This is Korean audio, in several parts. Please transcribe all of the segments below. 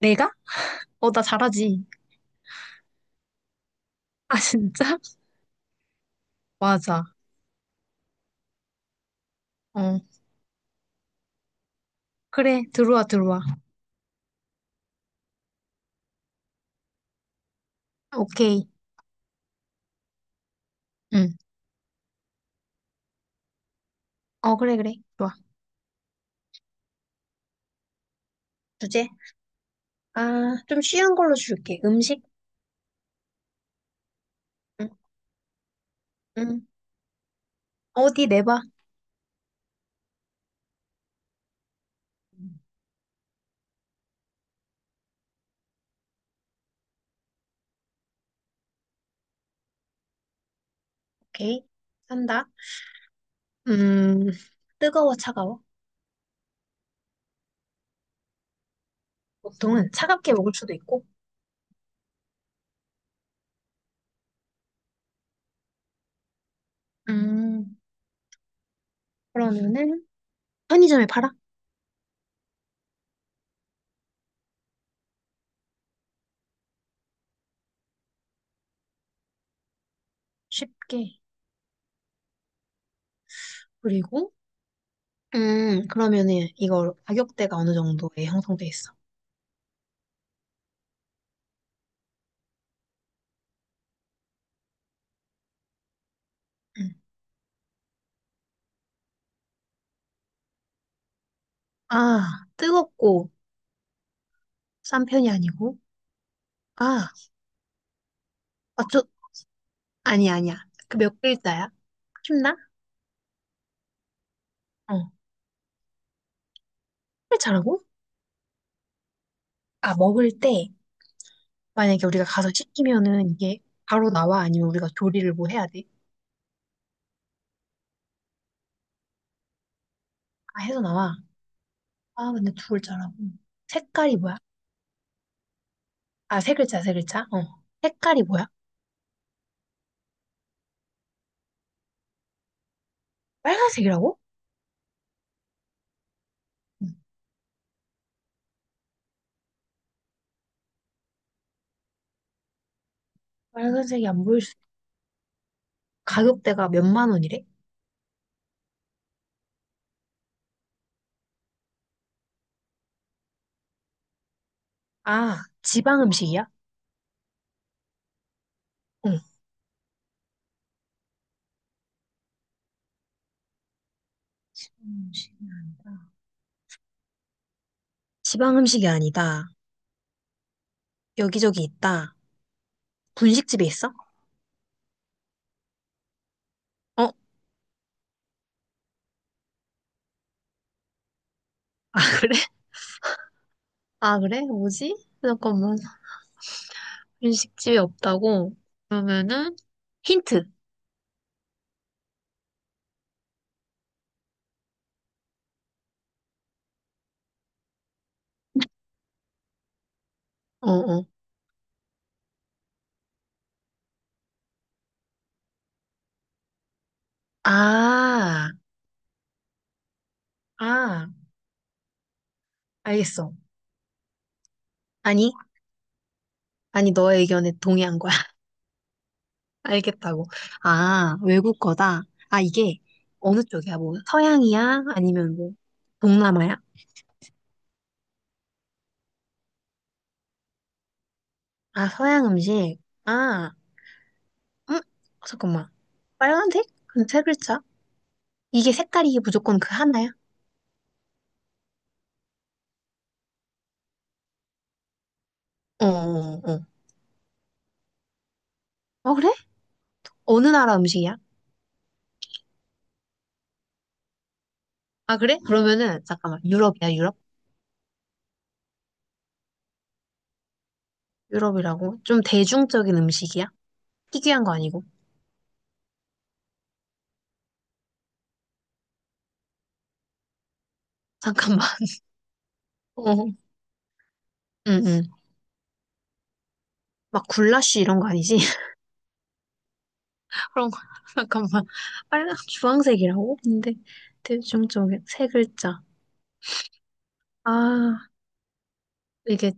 내가? 어, 나 잘하지. 아, 진짜? 맞아. 어, 그래. 들어와, 들어와. 오케이. 응. 어, 그래, 그래. 좋아. 주제? 아, 좀 쉬운 걸로 줄게. 음식? 응, 응. 어디 내봐. 오케이. 산다. 음, 뜨거워, 차가워? 보통은 차갑게 먹을 수도 있고. 음, 그러면은 편의점에 팔아? 쉽게. 그리고, 그러면은 이거 가격대가 어느 정도에 형성돼 있어? 음. 아, 뜨겁고 싼 편이 아니고. 아, 아, 저, 아니, 야 아니야. 그 몇 글자야? 쉽나? 어. 회차라고? 아, 먹을 때 만약에 우리가 가서 시키면은 이게 바로 나와? 아니면 우리가 조리를 뭐 해야 돼? 아, 해서 나와. 아, 근데 두 글자라고. 색깔이 뭐야? 아, 세 글자, 세 글자. 어. 색깔이 뭐야? 빨간색이라고? 응. 빨간색이 안 보일 수. 가격대가 몇만 원이래? 아, 지방 음식이야? 응. 지방 음식이 아니다. 지방 음식이 아니다. 여기저기 있다. 분식집에 있어? 어, 그래? 아, 그래? 뭐지? 잠깐만. 일식집이 없다고? 그러면은, 힌트. 어, 어. 아, 아, 알겠어. 아니, 아니, 너의 의견에 동의한 거야. 알겠다고. 아, 외국 거다. 아, 이게 어느 쪽이야? 뭐, 서양이야? 아니면 뭐, 동남아야? 아, 서양 음식. 아, 음, 잠깐만. 빨간색? 근데 세 글자? 이게 색깔이 무조건 그 하나야? 어, 어, 어. 어, 그래? 어느 나라 음식이야? 아, 그래? 그러면은, 잠깐만. 유럽이야, 유럽? 유럽이라고? 좀 대중적인 음식이야? 희귀한 거 아니고? 잠깐만. 어, 응, 응. 막 굴라쉬 이런 거 아니지? 그런 거. 잠깐만. 빨간, 주황색이라고? 근데, 대중적인, 세 글자. 아, 이게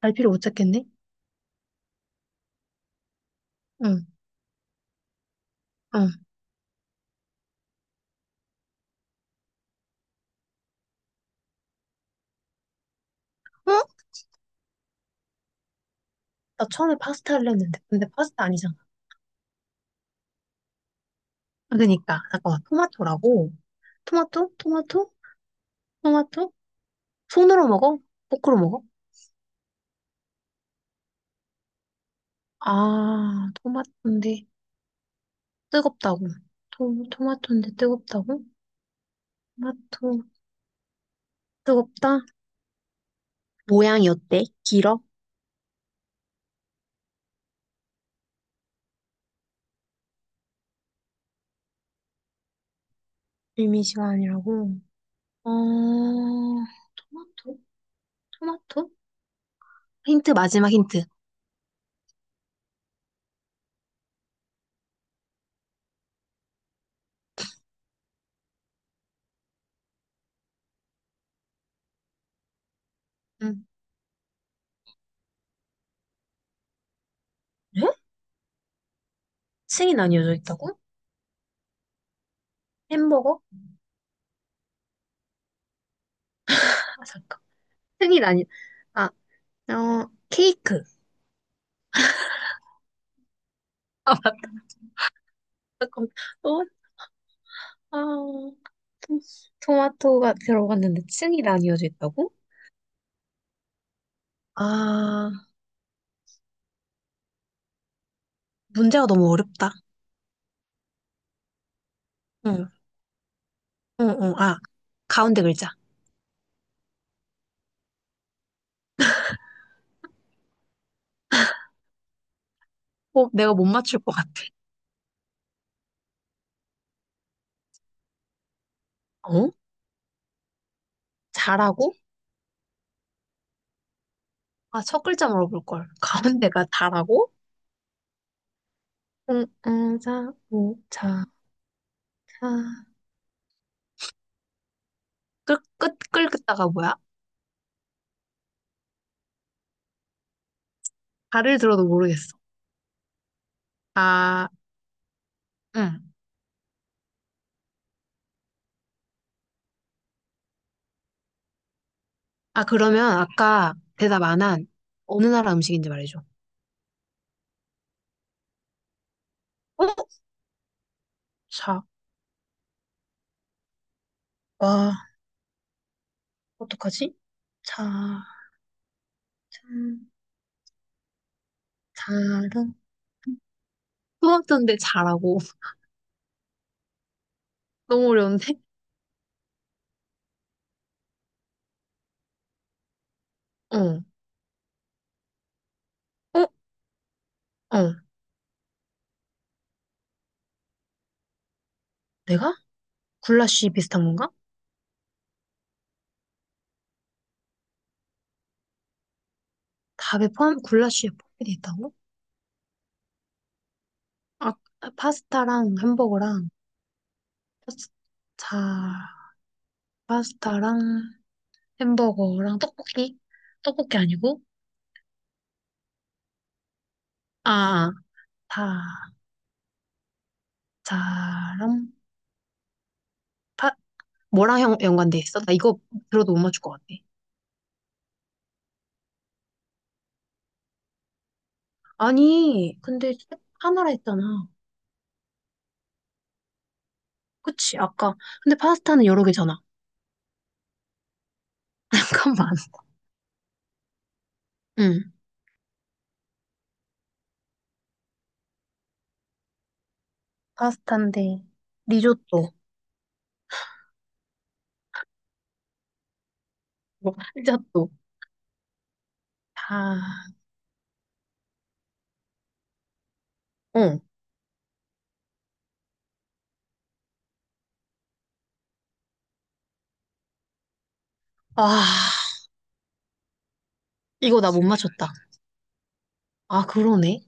갈피를 못 찾겠네? 응, 응. 어? 나 처음에 파스타를 했는데. 근데 파스타 아니잖아. 아, 그니까. 잠깐만. 토마토라고? 토마토? 토마토? 토마토? 손으로 먹어? 포크로 먹어? 아, 토마토인데. 뜨겁다고. 토마토인데 뜨겁다고? 토마토, 뜨겁다? 모양이 어때? 길어? 일미시간이라고. 어, 토마토? 토마토? 힌트, 마지막 힌트. 응. 에? 층이 나뉘어져 있다고? 햄버거? 아, 잠깐. 층이 나뉘, 아, 어, 케이크. 아, 잠깐. 토마토, 아, 토- 토마토가 들어갔는데 층이 나뉘어져 있다고? 아, 문제가 너무 어렵다. 응, 응, 응. 아, 가운데 글자. 어, 내가 못 맞출 것 같아. 어? 잘하고? 아, 첫 글자 물어볼 걸. 가운데가 잘하고? 응, 응, 자, 오 자, 사. 끌, 끝, 끌긋다가 뭐야? 발을 들어도 모르겠어. 아, 응. 아, 그러면 아까 대답 안 한 어느 나라 음식인지 말해줘. 어? 자, 와, 어떡하지? 자, 참, 잘은. 수학자인데 잘하고. 너무 어려운데? 어, 어, 어. 내가? 굴라쉬 비슷한 건가? 밥에 포함, 굴라쉬에 포함이 돼 있다고? 아, 파스타랑 햄버거랑, 파스- 자, 파스타랑 햄버거랑 떡볶이? 떡볶이 아니고? 아, 다, 자랑, 파, 뭐랑 연, 연관돼 있어? 나 이거 들어도 못 맞출 것 같아. 아니, 근데 하나라 했잖아. 그치, 아까. 근데 파스타는 여러 개잖아. 잠깐만. 응. 파스타인데, 리조또, 뭐, 피자또. 다, 어. 아, 이거 나 못 맞췄다. 아, 그러네.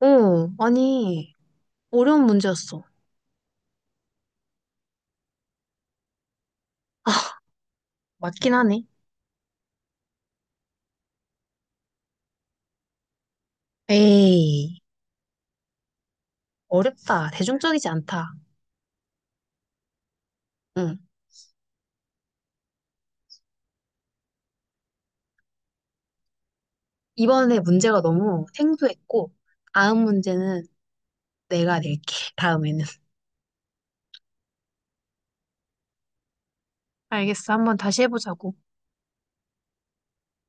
어, 아니, 어려운 문제였어. 아, 맞긴 하네. 에이, 어렵다. 대중적이지 않다. 응. 이번에 문제가 너무 생소했고, 다음 문제는 내가 낼게. 다음에는. 알겠어. 한번 다시 해보자고.